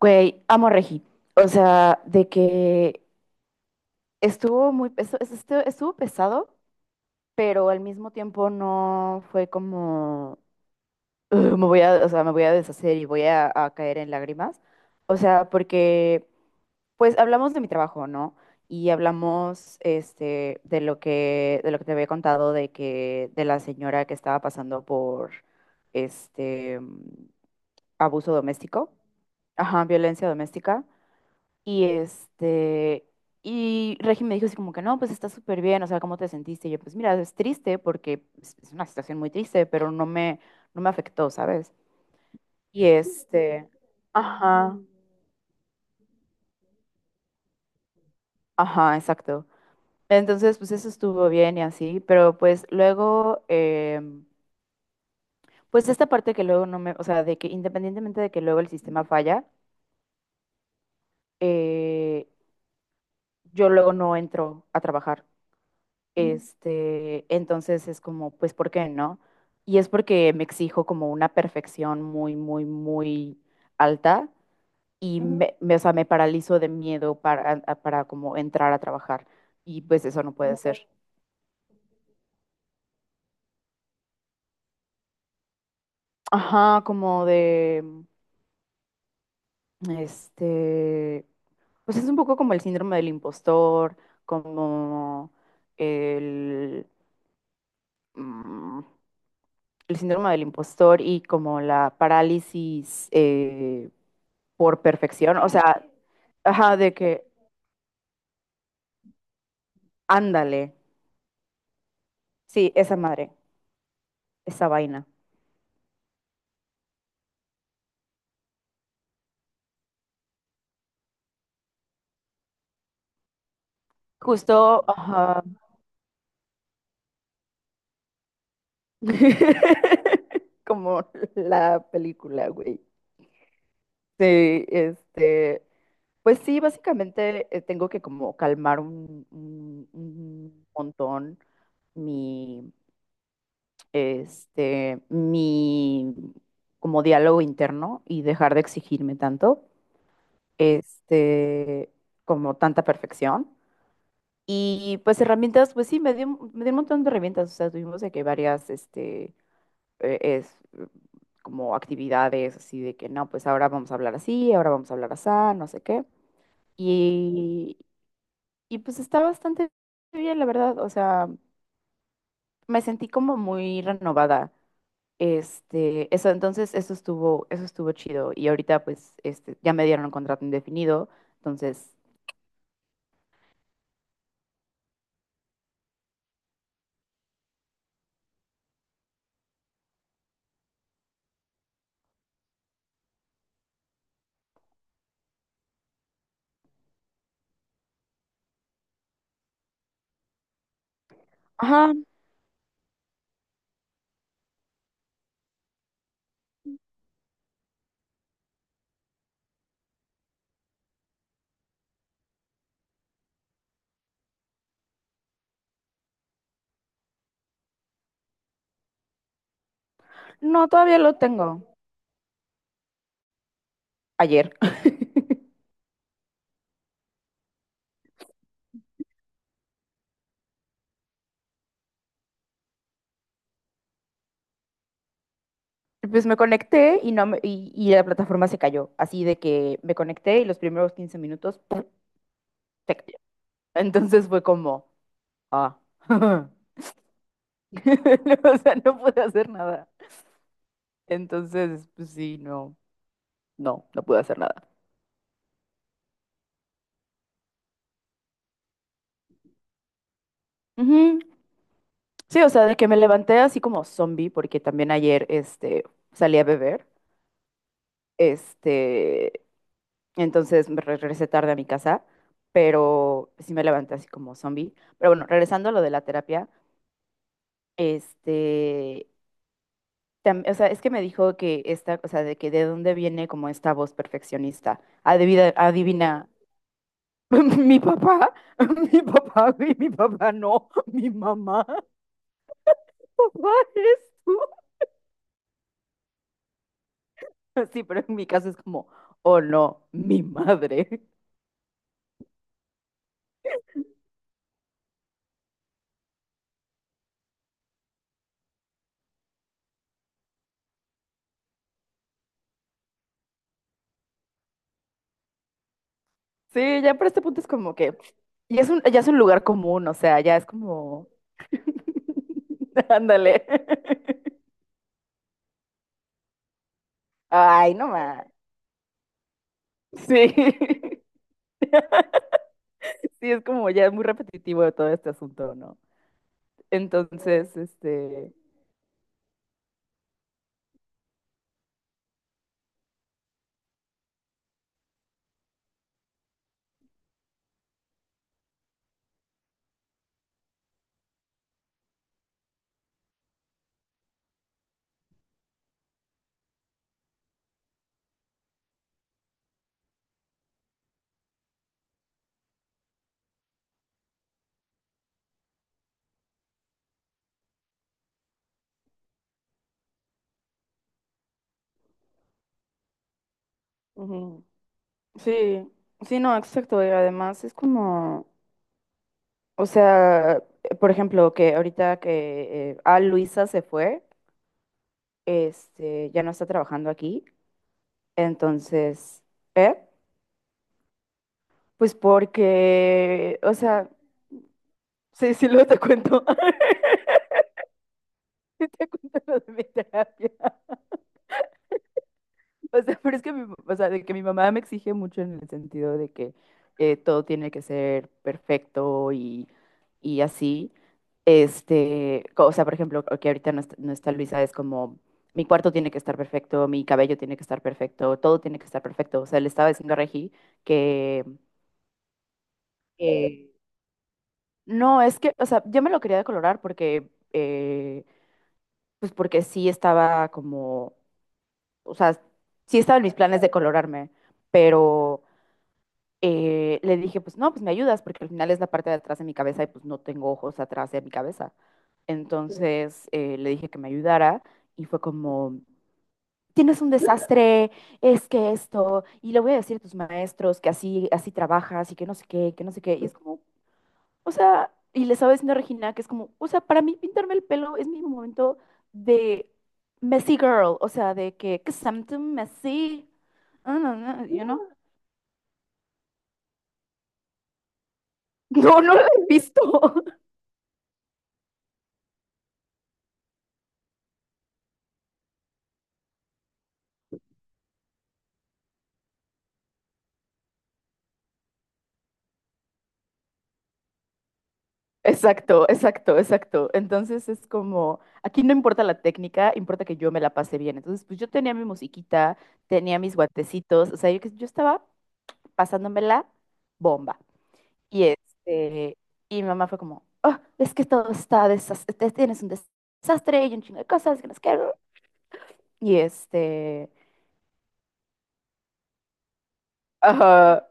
Güey, amo a Regi. O sea, de que estuvo muy, estuvo pesado, pero al mismo tiempo no fue como, "Ugh, me voy a, me voy a deshacer y voy a caer en lágrimas. O sea, porque, pues, hablamos de mi trabajo, ¿no? Y hablamos, de lo que te había contado de la señora que estaba pasando por, este, abuso doméstico, ajá, violencia doméstica. Y este, y Regi me dijo así como que no, pues está súper bien, o sea, ¿cómo te sentiste? Y yo, pues mira, es triste porque es una situación muy triste, pero no me afectó, ¿sabes? Y este, ajá, ajá, exacto. Entonces, pues eso estuvo bien y así, pero pues luego, pues esta parte que luego no me, o sea, de que independientemente de que luego el sistema falla, eh, yo luego no entro a trabajar. Entonces es como, pues, ¿por qué no? Y es porque me exijo como una perfección muy, muy, muy alta y Ujú. O sea, me paralizo de miedo para, para como entrar a trabajar. Y pues eso no puede ser. Ajá, como de, este, pues es un poco como el síndrome del impostor, como el, mm, el síndrome del impostor y como la parálisis por perfección. O sea, ajá, de que, ándale. Sí, esa madre, esa vaina. Justo, ajá. Como la película, güey. Sí, pues sí, básicamente tengo que como calmar un montón mi, mi como diálogo interno y dejar de exigirme tanto, este, como tanta perfección. Y pues herramientas, pues sí, me dio un montón de herramientas, o sea, tuvimos de que varias, eh, es, como actividades así de que no, pues ahora vamos a hablar así, ahora vamos a hablar así, no sé qué. Y, y pues está bastante bien, la verdad, o sea, me sentí como muy renovada. Eso entonces, eso estuvo chido. Y ahorita, pues, ya me dieron un contrato indefinido. Entonces, ajá, no, todavía lo tengo. Ayer. Pues me conecté y no me- y la plataforma se cayó. Así de que me conecté y los primeros 15 minutos, ¡pum! Se cayó. Entonces fue como, ah. O sea, no pude hacer nada. Entonces, pues sí, no, no, no pude hacer nada. Ujú. Sí, o sea, de que me levanté así como zombie, porque también ayer salí a beber. Este, entonces me regresé tarde a mi casa, pero sí me levanté así como zombie. Pero bueno, regresando a lo de la terapia, este, o sea, es que me dijo que o sea, de que de dónde viene como esta voz perfeccionista. Adivina, adivina, mi papá, mi papá, güey, mi papá no, mi mamá, papá eres tú. Sí, pero en mi caso es como, oh no, mi madre. Sí, ya para este punto es como que ya es un lugar común, o sea, ya es como, ándale. Ay, no más. Sí. Sí, es como ya muy repetitivo de todo este asunto, ¿no? Entonces, Ujú. Sí, sí, no, exacto. Y además es como, o sea, por ejemplo, que ahorita que Luisa se fue, ya no está trabajando aquí. Entonces, ¿eh? Pues porque, o sea, sí, sí, luego te cuento. Sí te cuento lo de mi terapia. O sea, pero es que mi, o sea, de que mi mamá me exige mucho en el sentido de que todo tiene que ser perfecto y así. O sea, por ejemplo, que ahorita no está Luisa, es como, mi cuarto tiene que estar perfecto, mi cabello tiene que estar perfecto, todo tiene que estar perfecto. O sea, le estaba diciendo a Regi que, no, es que, o sea, yo me lo quería decolorar porque, pues porque sí estaba como, o sea, sí estaba en mis planes de colorarme, pero le dije, pues no, pues me ayudas porque al final es la parte de atrás de mi cabeza y pues no tengo ojos atrás de mi cabeza. Entonces le dije que me ayudara y fue como, tienes un desastre, es que esto, y le voy a decir a tus maestros que así, así trabajas y que no sé qué, que no sé qué. Y es como, o sea, y le estaba diciendo a Regina que es como, o sea, para mí pintarme el pelo es mi momento de messy girl, o sea, de que something messy, ah, no, no. No, no lo he visto. Exacto, exacto, exacto. Entonces es como, aquí no importa la técnica, importa que yo me la pase bien. Entonces, pues yo tenía mi musiquita, tenía mis guatecitos, o sea, yo estaba pasándomela bomba. Y, este, y mi mamá fue como, "Ah, es que todo está desastre, tienes un desastre y un chingo de cosas que no sé. Y este, ajá,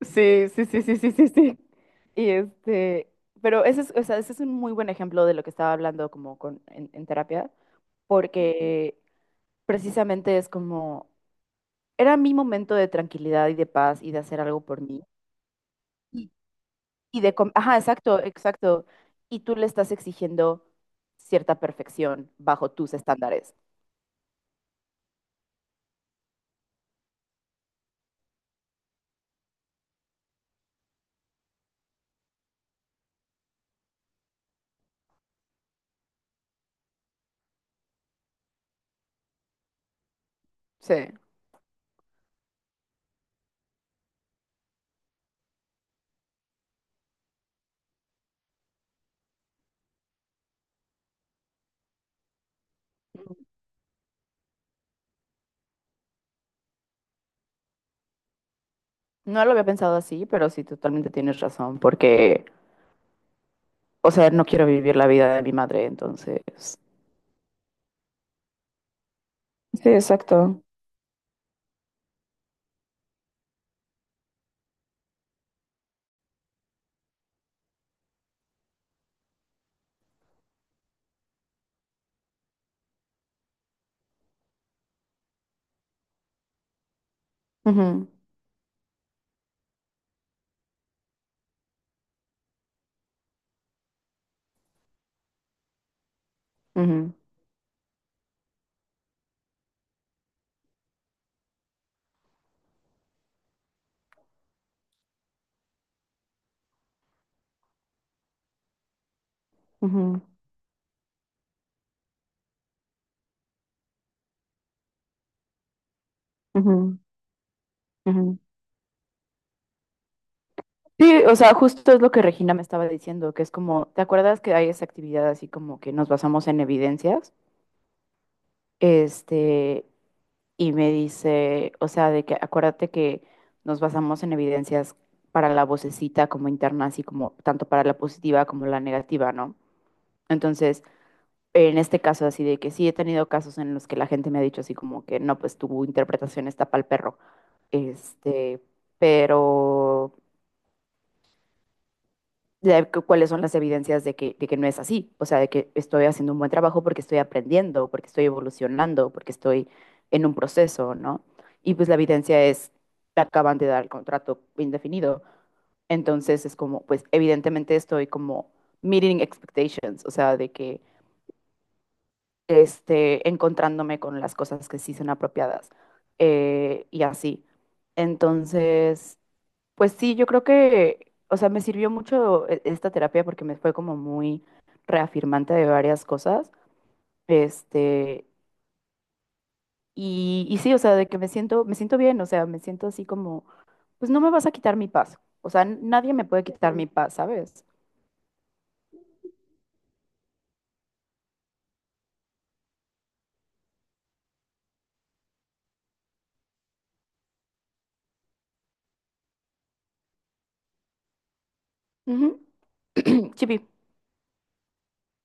sí, sí, sí, sí, sí, sí, sí. Y este, pero ese es, o sea, ese es un muy buen ejemplo de lo que estaba hablando como en terapia, porque precisamente es como, era mi momento de tranquilidad y de paz y de hacer algo por mí. Ajá, exacto, exacto. Y tú le estás exigiendo cierta perfección bajo tus estándares. Sí. No lo había pensado así, pero sí, totalmente tienes razón, porque, o sea, no quiero vivir la vida de mi madre, entonces. Sí, exacto. Ujú, ujú, ujú, ujú, ujú. Sí, o sea, justo es lo que Regina me estaba diciendo, que es como, ¿te acuerdas que hay esa actividad así como que nos basamos en evidencias? Este, y me dice, o sea, de que acuérdate que nos basamos en evidencias para la vocecita como interna, así como tanto para la positiva como la negativa, ¿no? Entonces, en este caso así de que sí he tenido casos en los que la gente me ha dicho así como que no, pues tu interpretación está pal perro, este, pero de cuáles son las evidencias de que no es así, o sea, de que estoy haciendo un buen trabajo porque estoy aprendiendo, porque estoy evolucionando, porque estoy en un proceso, ¿no? Y pues la evidencia es, te acaban de dar el contrato indefinido, entonces es como, pues evidentemente estoy como meeting expectations, o sea, de que encontrándome con las cosas que sí son apropiadas y así. Entonces, pues sí, yo creo que, o sea, me sirvió mucho esta terapia porque me fue como muy reafirmante de varias cosas. Este, y sí, o sea, de que me siento bien, o sea, me siento así como, pues no me vas a quitar mi paz. O sea, nadie me puede quitar mi paz, ¿sabes? Ujú. Chipi.